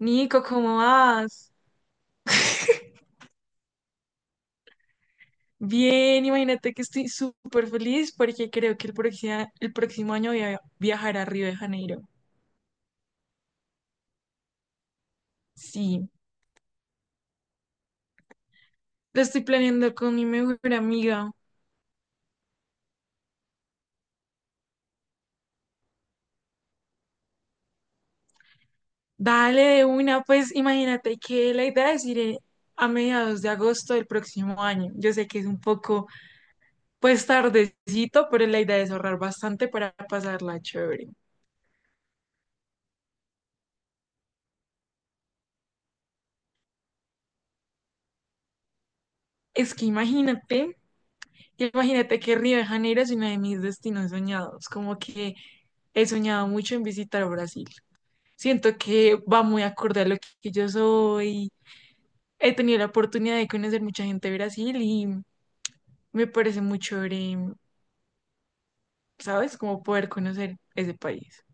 Nico, ¿cómo vas? Bien, imagínate que estoy súper feliz porque creo que el próximo año voy a viajar a Río de Janeiro. Sí, lo estoy planeando con mi mejor amiga. Dale de una, pues imagínate que la idea es ir a mediados de agosto del próximo año. Yo sé que es un poco, pues tardecito, pero la idea es ahorrar bastante para pasarla chévere. Es que imagínate. Imagínate que Río de Janeiro es uno de mis destinos soñados, como que he soñado mucho en visitar Brasil. Siento que va muy acorde a lo que yo soy. He tenido la oportunidad de conocer mucha gente de Brasil y me parece muy chévere, ¿sabes? Como poder conocer ese país.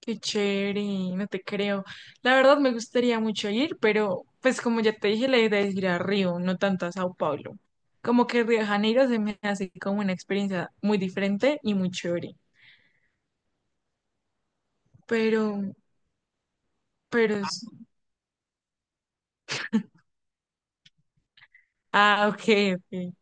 Qué chévere, no te creo. La verdad me gustaría mucho ir, pero pues como ya te dije, la idea es ir a Río, no tanto a Sao Paulo. Como que Río de Janeiro se me hace como una experiencia muy diferente y muy chévere. pero, pero es... Ah, ok, ok.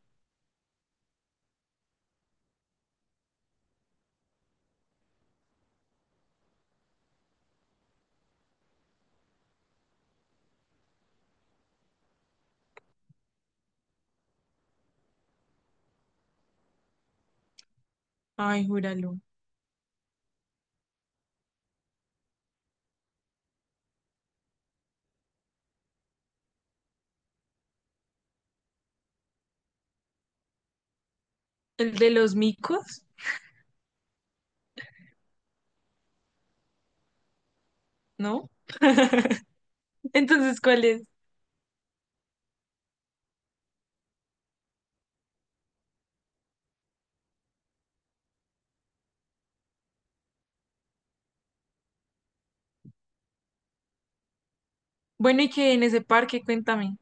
Ay, júralo. ¿El de los micos? ¿No? Entonces, ¿cuál es? Bueno, y que en ese parque, cuéntame.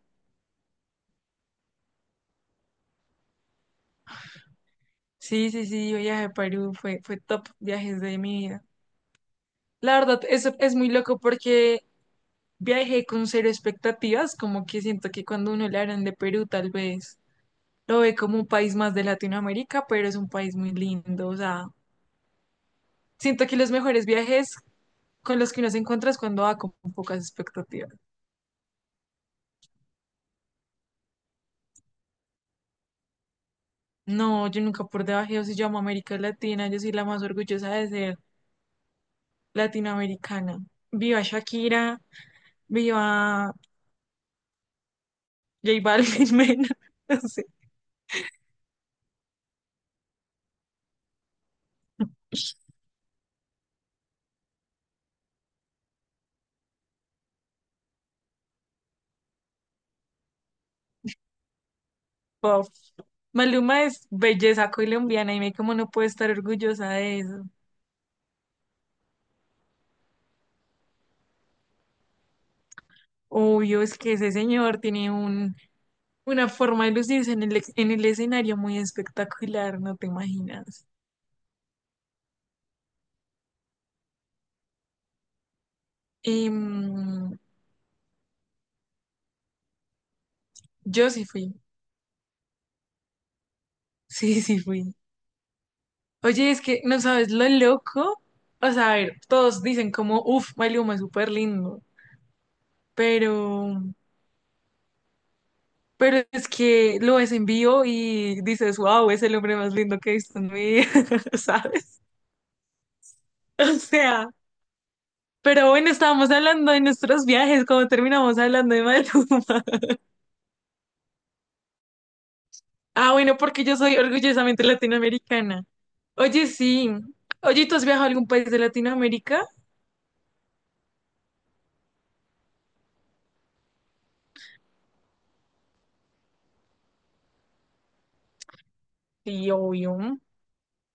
Sí, sí, sí, yo viajé a Perú, fue top viajes de mi vida. La verdad, eso es muy loco porque viajé con cero expectativas, como que siento que cuando uno le hablan de Perú, tal vez lo ve como un país más de Latinoamérica, pero es un país muy lindo, o sea, siento que los mejores viajes con los que uno se encuentra es cuando va con pocas expectativas. No, yo nunca por debajo si llamo América Latina, yo soy la más orgullosa de ser latinoamericana. Viva Shakira, viva J Balvin, Mena, no sé, pop. Maluma es belleza colombiana y me como no puedo estar orgullosa de eso. Obvio, es que ese señor tiene un, una forma de lucirse en el escenario muy espectacular, no te imaginas. Em, yo sí fui, sí, sí fui. Oye, es que no sabes lo loco. O sea, a ver, todos dicen como, uff, Maluma es súper lindo. Pero, pero es que lo ves en vivo y dices, wow, es el hombre más lindo que he visto en mi vida, ¿sabes? O sea, pero bueno, estábamos hablando de nuestros viajes, como terminamos hablando de Maluma. Ah, bueno, porque yo soy orgullosamente latinoamericana. Oye, sí. Oye, ¿tú has viajado a algún país de Latinoamérica? Sí, obvio.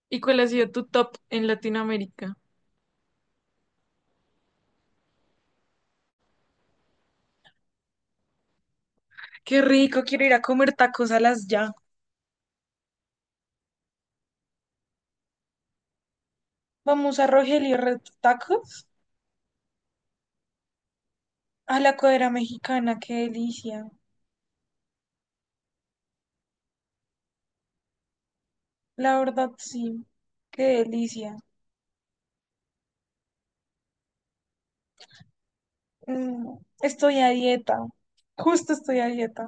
¿Y cuál ha sido tu top en Latinoamérica? Qué rico, quiero ir a comer tacos a las ya. Vamos a Rogelio Red Tacos, a la cuadra mexicana, qué delicia. La verdad, sí, qué delicia. Estoy a dieta, justo estoy a dieta.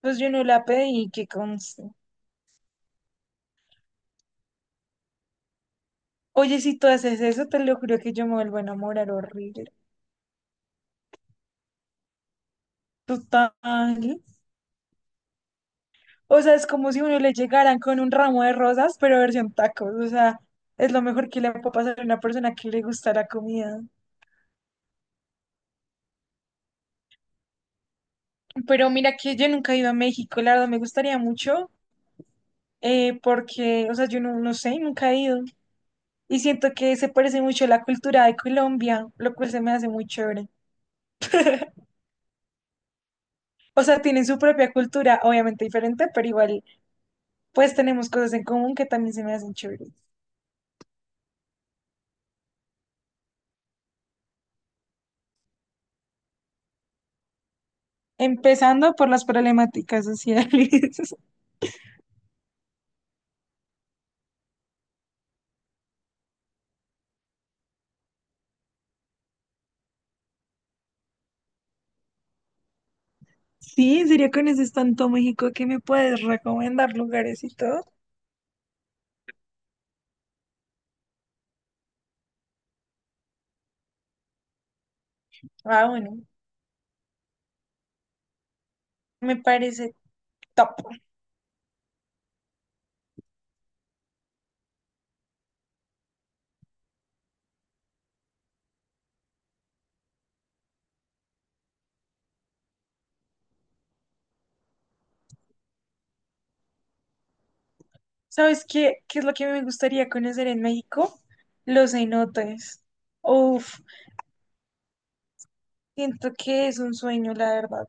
Pues yo no la pedí, que conste. Oye, si tú haces eso, te lo juro que yo me vuelvo a enamorar horrible. Total. O sea, es como si uno le llegaran con un ramo de rosas, pero versión tacos. O sea, es lo mejor que le puede pasar a una persona que le gusta la comida. Pero mira que yo nunca he ido a México, la verdad me gustaría mucho, porque, o sea, yo no, no sé, nunca he ido. Y siento que se parece mucho a la cultura de Colombia, lo cual se me hace muy chévere. O sea, tienen su propia cultura, obviamente diferente, pero igual, pues tenemos cosas en común que también se me hacen chéveres. Empezando por las problemáticas sociales. Sí, ¿en serio conoces tanto México que me puedes recomendar lugares y todo? Ah, bueno, me parece top. ¿Sabes qué? ¿Qué es lo que me gustaría conocer en México? Los cenotes. Uf, siento que es un sueño, la verdad.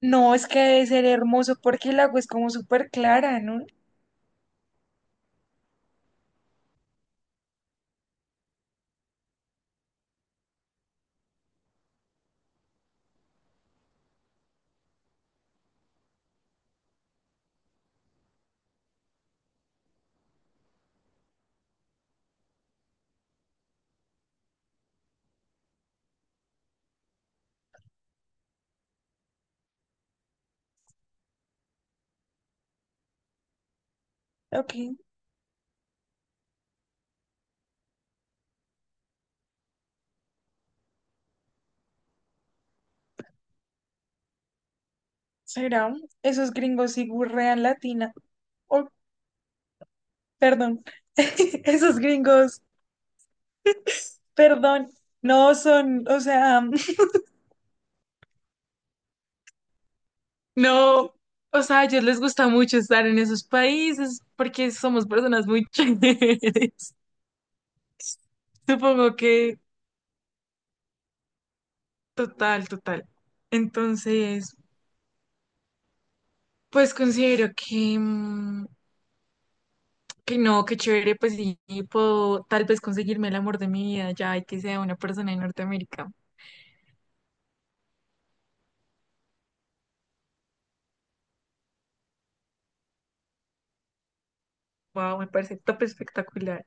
No, es que debe ser hermoso porque el agua es como súper clara, ¿no? Ok, será. Esos gringos y gurrean latina. Oh, perdón. Esos gringos, perdón. No son, o sea, no. O sea, a ellos les gusta mucho estar en esos países porque somos personas muy chéveres. Supongo que total, total. Entonces, pues considero que, que no, que chévere, pues sí, puedo tal vez conseguirme el amor de mi vida ya y que sea una persona de Norteamérica. Wow, me parece top espectacular.